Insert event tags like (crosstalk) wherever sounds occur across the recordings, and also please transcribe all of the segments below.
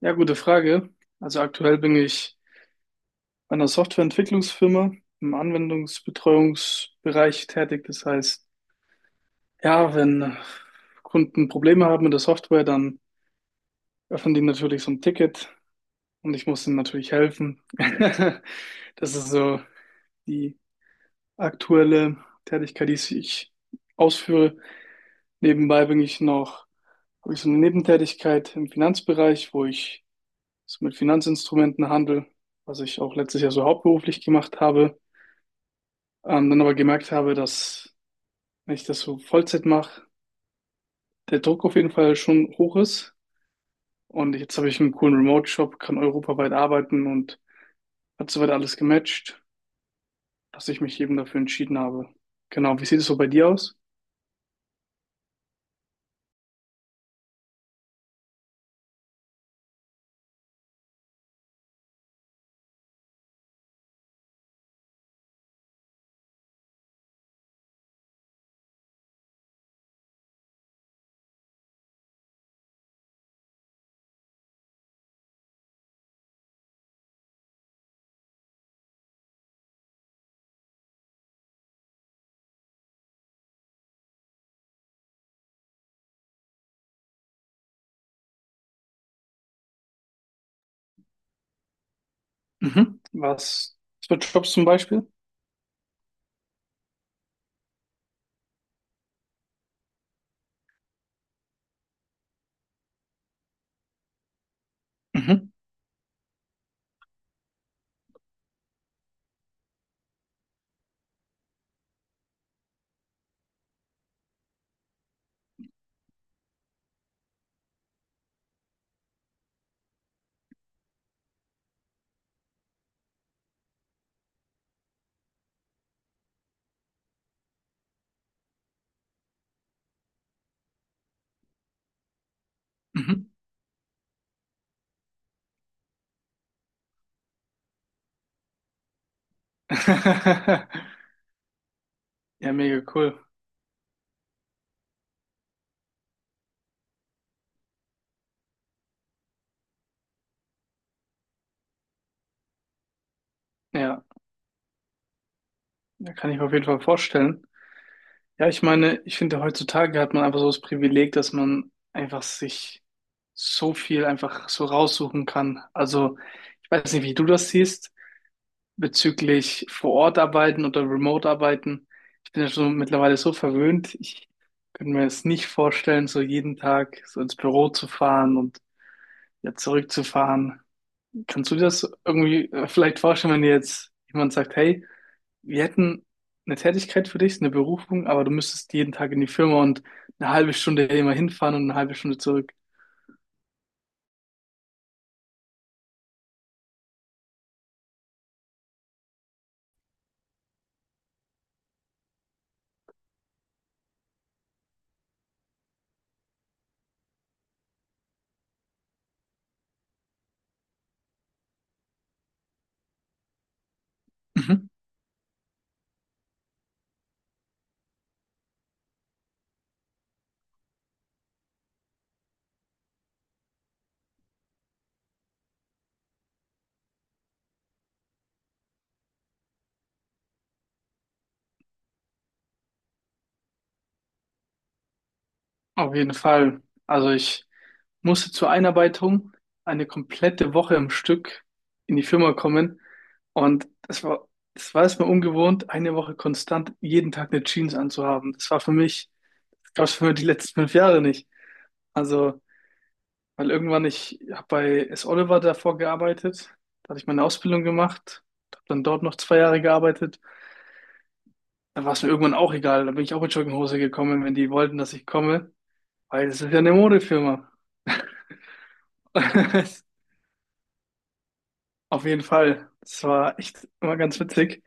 Ja, gute Frage. Also aktuell bin ich bei einer Softwareentwicklungsfirma im Anwendungsbetreuungsbereich tätig. Das heißt, ja, wenn Kunden Probleme haben mit der Software, dann öffnen die natürlich so ein Ticket und ich muss ihnen natürlich helfen. (laughs) Das ist so die aktuelle Tätigkeit, die ich ausführe. Nebenbei habe ich so eine Nebentätigkeit im Finanzbereich, wo ich so mit Finanzinstrumentenhandel, was ich auch letztes Jahr so hauptberuflich gemacht habe. Dann aber gemerkt habe, dass, wenn ich das so Vollzeit mache, der Druck auf jeden Fall schon hoch ist. Und jetzt habe ich einen coolen Remote-Job, kann europaweit arbeiten und hat soweit alles gematcht, dass ich mich eben dafür entschieden habe. Genau, wie sieht es so bei dir aus? Mhm. Was für Jobs zum Beispiel? Mhm. Mhm. (laughs) Ja, mega cool. Ja, da kann ich mir auf jeden Fall vorstellen. Ja, ich meine, ich finde, heutzutage hat man einfach so das Privileg, dass man einfach sich so viel einfach so raussuchen kann. Also, ich weiß nicht, wie du das siehst, bezüglich vor Ort arbeiten oder remote arbeiten. Ich bin ja schon mittlerweile so verwöhnt. Ich könnte mir es nicht vorstellen, so jeden Tag so ins Büro zu fahren und ja zurückzufahren. Kannst du dir das irgendwie vielleicht vorstellen, wenn dir jetzt jemand sagt, hey, wir hätten eine Tätigkeit für dich, eine Berufung, aber du müsstest jeden Tag in die Firma und eine halbe Stunde immer hinfahren und eine halbe Stunde zurück. Mhm. Auf jeden Fall. Also ich musste zur Einarbeitung eine komplette Woche im Stück in die Firma kommen und das war erstmal ungewohnt, eine Woche konstant jeden Tag eine Jeans anzuhaben. Das war für mich, das gab es für mich die letzten fünf Jahre nicht. Also weil irgendwann, ich habe bei S. Oliver davor gearbeitet, da hatte ich meine Ausbildung gemacht, habe dann dort noch zwei Jahre gearbeitet. Da war es mir irgendwann auch egal, da bin ich auch mit Jogginghose gekommen, wenn die wollten, dass ich komme, weil es ist ja eine Modefirma. (laughs) Auf jeden Fall, das war echt immer ganz witzig,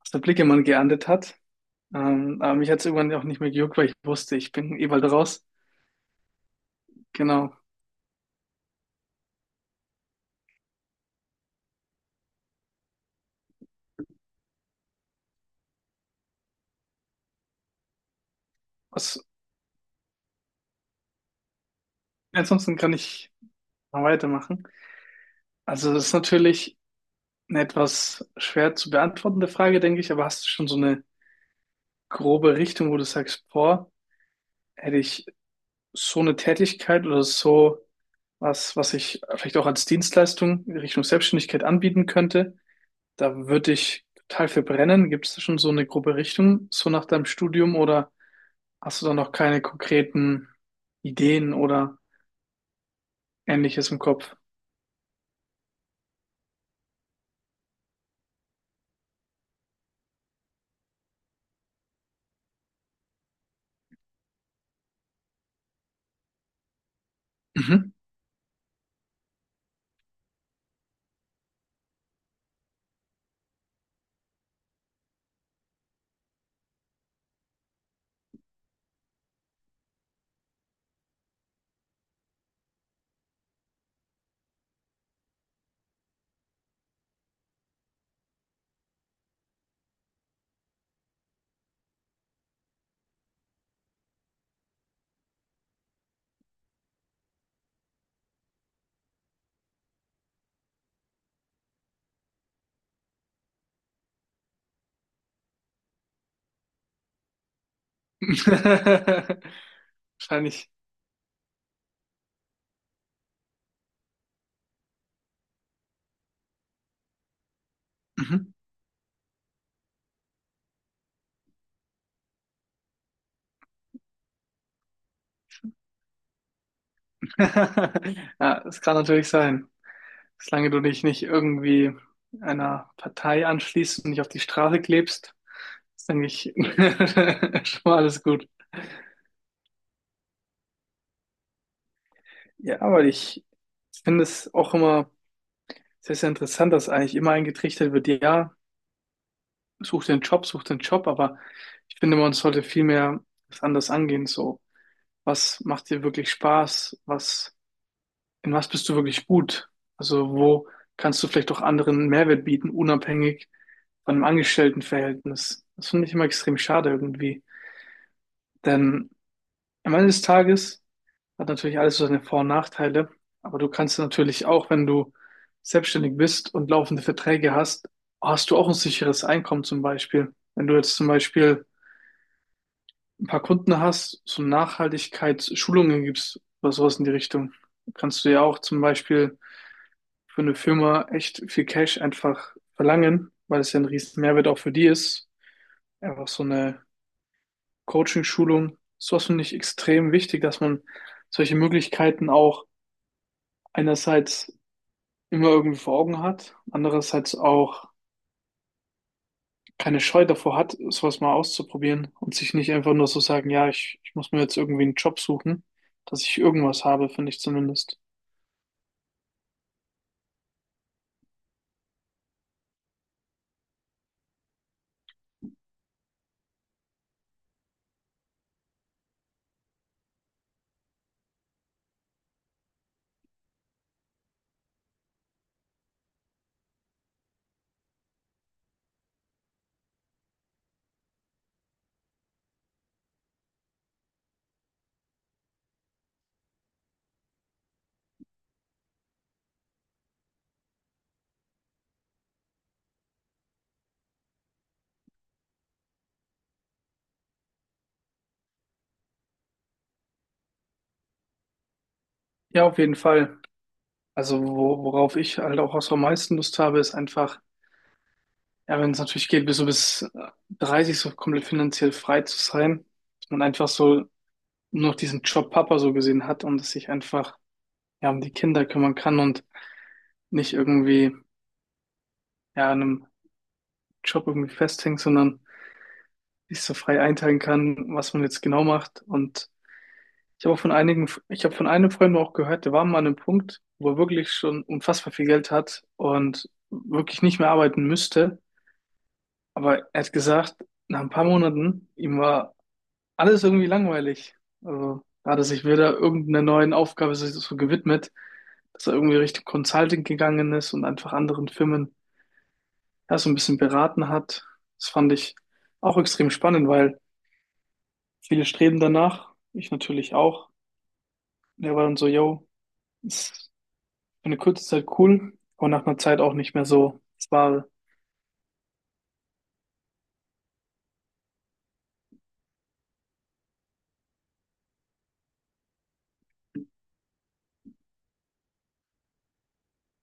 was der Blicke man geerntet hat. Aber mich hat es irgendwann auch nicht mehr gejuckt, weil ich wusste, ich bin eh bald raus. Genau. Was, Ansonsten kann ich mal weitermachen. Also das ist natürlich eine etwas schwer zu beantwortende Frage, denke ich, aber hast du schon so eine grobe Richtung, wo du sagst, boah, hätte ich so eine Tätigkeit oder so was, was ich vielleicht auch als Dienstleistung in Richtung Selbstständigkeit anbieten könnte, da würde ich total für brennen. Gibt es da schon so eine grobe Richtung, so nach deinem Studium oder hast du da noch keine konkreten Ideen oder Ähnliches im Kopf? Mhm. (laughs) Wahrscheinlich. Mhm. (laughs) Ja, das kann natürlich sein. Solange du dich nicht irgendwie einer Partei anschließt und nicht auf die Straße klebst, ist, eigentlich (laughs) schon mal alles gut. Ja, aber ich finde es auch immer sehr, sehr interessant, dass eigentlich immer eingetrichtert wird, ja, such den Job, aber ich finde, man sollte vielmehr das anders angehen, so. Was macht dir wirklich Spaß? Was in was bist du wirklich gut? Also wo kannst du vielleicht auch anderen Mehrwert bieten, unabhängig von einem Angestelltenverhältnis? Das finde ich immer extrem schade irgendwie. Denn am Ende des Tages hat natürlich alles so seine Vor- und Nachteile, aber du kannst natürlich auch, wenn du selbstständig bist und laufende Verträge hast, hast du auch ein sicheres Einkommen zum Beispiel. Wenn du jetzt zum Beispiel ein paar Kunden hast, so Nachhaltigkeitsschulungen gibst oder sowas in die Richtung, kannst du ja auch zum Beispiel für eine Firma echt viel Cash einfach verlangen, weil es ja ein riesen Mehrwert auch für die ist. Einfach so eine Coaching-Schulung. Sowas finde ich extrem wichtig, dass man solche Möglichkeiten auch einerseits immer irgendwie vor Augen hat, andererseits auch keine Scheu davor hat, sowas mal auszuprobieren und sich nicht einfach nur so sagen, ja, ich muss mir jetzt irgendwie einen Job suchen, dass ich irgendwas habe, finde ich zumindest. Ja, auf jeden Fall. Also wo, worauf ich halt auch so am meisten Lust habe, ist einfach ja, wenn es natürlich geht, bis 30 so komplett finanziell frei zu sein, dass man einfach so nur noch diesen Job Papa so gesehen hat und dass sich einfach ja um die Kinder kümmern kann und nicht irgendwie ja an einem Job irgendwie festhängt, sondern sich so frei einteilen kann, was man jetzt genau macht. Und ich habe von einem Freund auch gehört, der war mal an einem Punkt, wo er wirklich schon unfassbar viel Geld hat und wirklich nicht mehr arbeiten müsste. Aber er hat gesagt, nach ein paar Monaten, ihm war alles irgendwie langweilig. Also, da hat er sich wieder irgendeiner neuen Aufgabe sich so gewidmet, dass er irgendwie Richtung Consulting gegangen ist und einfach anderen Firmen ja, so ein bisschen beraten hat. Das fand ich auch extrem spannend, weil viele streben danach, ich natürlich auch. Und er war dann so, yo, ist für eine kurze Zeit cool, aber nach einer Zeit auch nicht mehr so. Es war